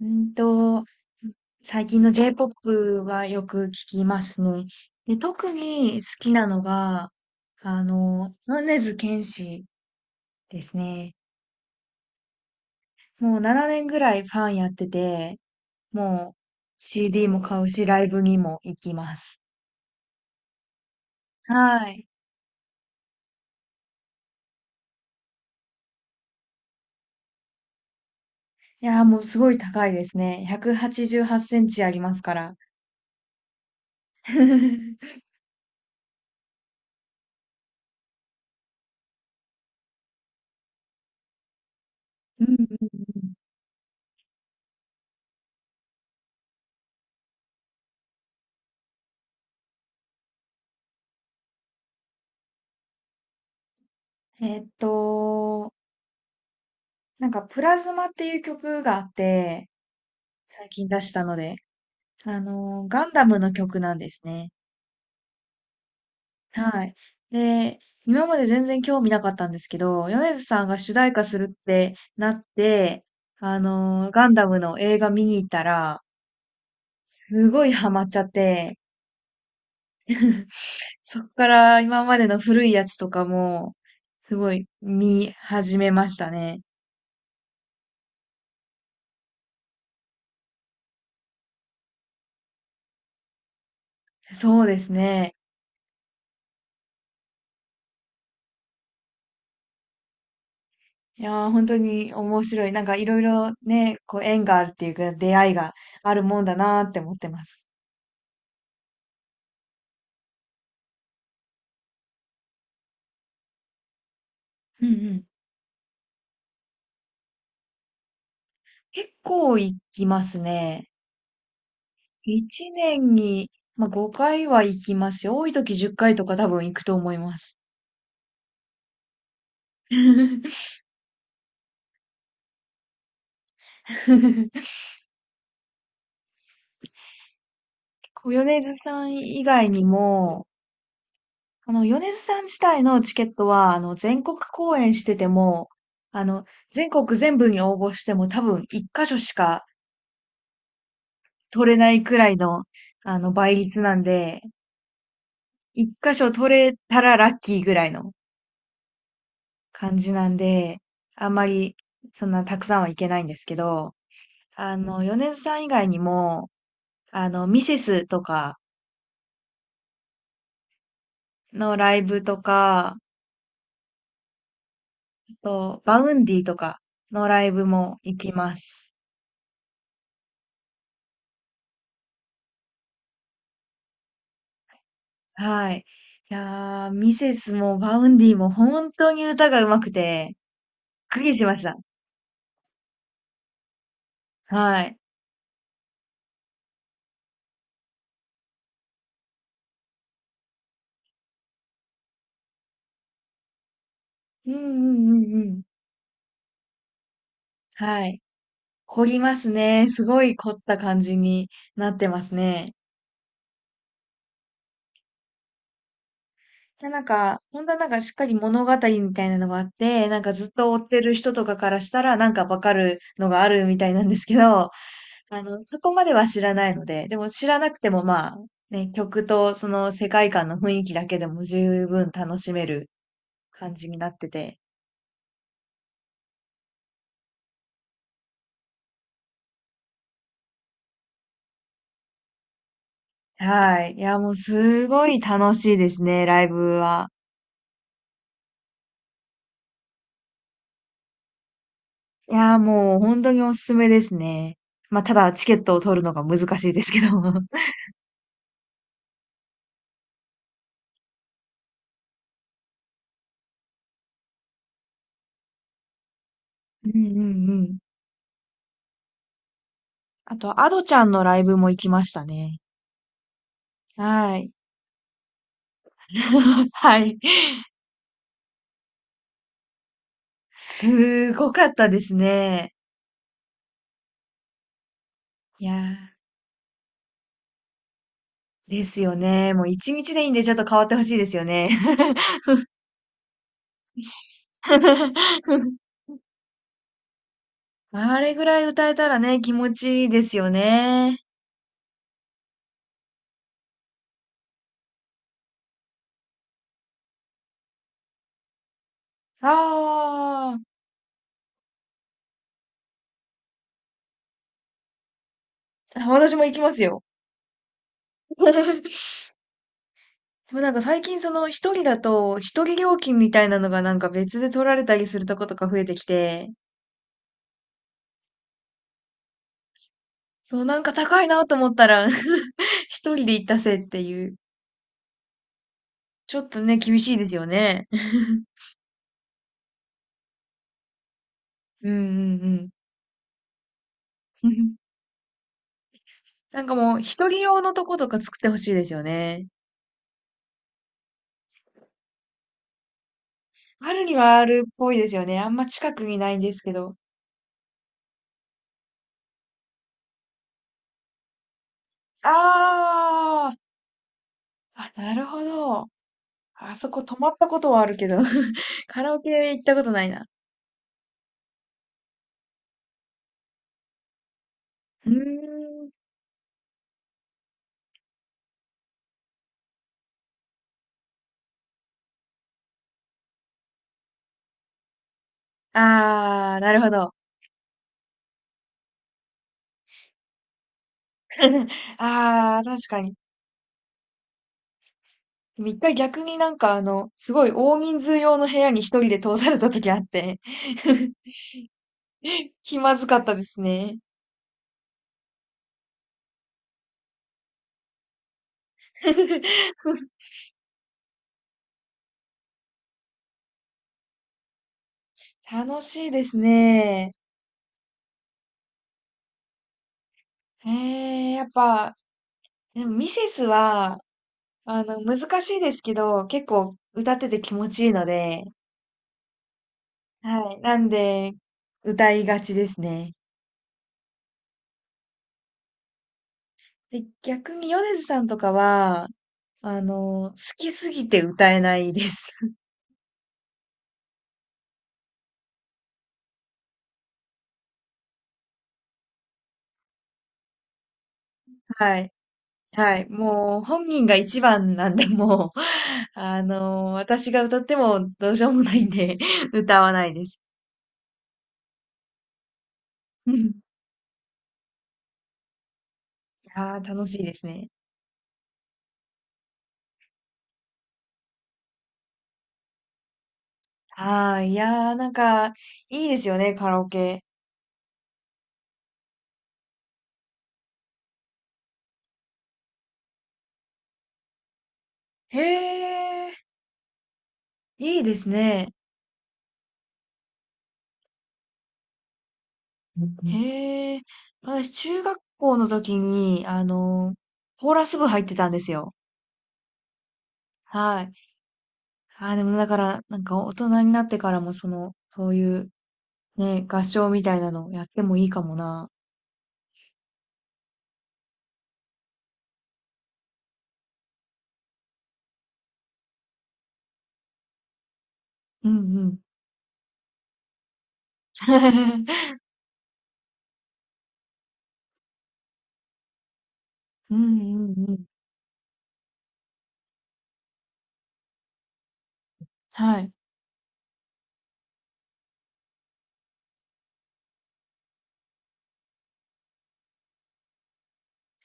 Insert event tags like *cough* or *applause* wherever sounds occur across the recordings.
うんと、最近の J-POP はよく聞きますね。で、特に好きなのが、米津玄師ですね。もう7年ぐらいファンやってて、もう CD も買うし、ライブにも行きます。はい。いやー、もうすごい高いですね。188センチありますから。*laughs* うんうんうんえーっと、なんか、プラズマっていう曲があって、最近出したので、ガンダムの曲なんですね。はい。で、今まで全然興味なかったんですけど、米津さんが主題歌するってなって、ガンダムの映画見に行ったら、すごいハマっちゃって、*laughs* そっから今までの古いやつとかも、すごい見始めましたね。そうですね。いやー、本当に面白い。なんかいろいろね、こう縁があるっていうか、出会いがあるもんだなーって思ってます。うんうん。結構行きますね。一年に、まあ、5回は行きますよ。多い時10回とか多分行くと思います。*laughs* こう米津さん以外にも、米津さん自体のチケットは、全国公演してても、あの、全国全部に応募しても多分一箇所しか取れないくらいの、倍率なんで、一箇所取れたらラッキーぐらいの感じなんで、あんまりそんなたくさんはいけないんですけど、米津さん以外にも、ミセスとかのライブとか、あと、バウンディとかのライブも行きます。はい。いやー、ミセスもバウンディも本当に歌が上手くて、びっくりしました。はい。うんうんうんうん。はい。凝りますね。すごい凝った感じになってますね。でなんか、本当はなんかしっかり物語みたいなのがあって、なんかずっと追ってる人とかからしたらなんかわかるのがあるみたいなんですけど、そこまでは知らないので、でも知らなくてもまあ、ね、曲とその世界観の雰囲気だけでも十分楽しめる感じになってて。はい。いや、もうすごい楽しいですね、ライブは。いや、もう本当におすすめですね。まあ、ただチケットを取るのが難しいですけど。*laughs* うんうんうん。あと、アドちゃんのライブも行きましたね。はい。*laughs* はい。すごかったですね。いやー、ですよね。もう一日でいいんでちょっと変わってほしいですよね。*laughs* あれぐらい歌えたらね、気持ちいいですよね。ああ、私も行きますよ。*laughs* でもなんか最近その一人だと一人料金みたいなのがなんか別で取られたりするとことか増えてきて、そうなんか高いなと思ったら *laughs* 一人で行ったせいっていう。ちょっとね、厳しいですよね。*laughs* うんうんうん。*laughs* なんかもう、一人用のとことか作ってほしいですよね。あるにはあるっぽいですよね。あんま近くにないんですけど。あーあ、なるほど。あそこ泊まったことはあるけど、*laughs* カラオケ行ったことないな。うーん。ああ、なるほど。*laughs* ああ、確かに。でも一回逆になんかあの、すごい大人数用の部屋に一人で通された時あって、*laughs* 気まずかったですね。*laughs* 楽しいですね。ええ、やっぱ、でもミセスは、難しいですけど、結構歌ってて気持ちいいので、はい。なんで、歌いがちですね。で、逆に米津さんとかは、好きすぎて歌えないです。*laughs* はい。はい。もう、本人が一番なんで、もう、*laughs* 私が歌ってもどうしようもないんで、*laughs* 歌わないです。*laughs* ああ楽しいですね。ああ、いやー、なんか、いいですよね、カラオケ。へえ、いいですね。へえ、私、中学校の時に、コーラス部入ってたんですよ。はい。ああ、でもだから、なんか大人になってからも、その、そういう、ね、合唱みたいなのやってもいいかもな。うんうん。*laughs* うんうんうん。はい。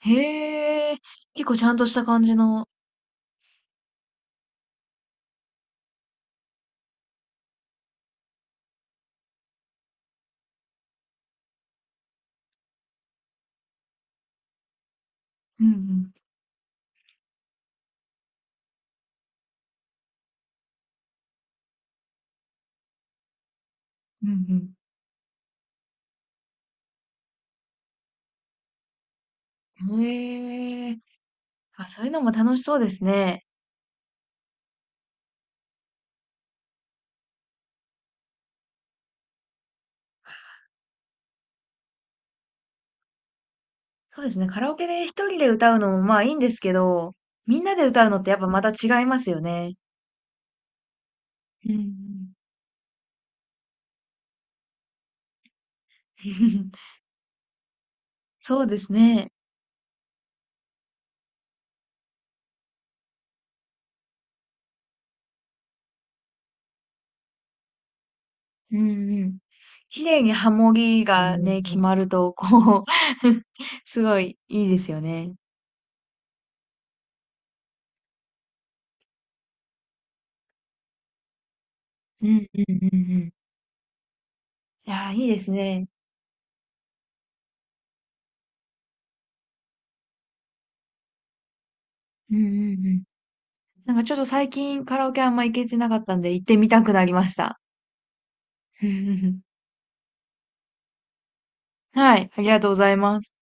へえ、結構ちゃんとした感じの。うんうん。うんうん。へえ。あ、そういうのも楽しそうですね。そうですね。カラオケで一人で歌うのもまあいいんですけど、みんなで歌うのってやっぱまた違いますよね。うんうん。*laughs* そうですね。うんうん。綺麗にハモリがね、決まると、こう *laughs* すごいいいですよね。うんうんうんうん。いやー、いいですね。うんうんうん。なんかちょっと最近カラオケあんま行けてなかったんで行ってみたくなりました。*laughs* はい、ありがとうございます。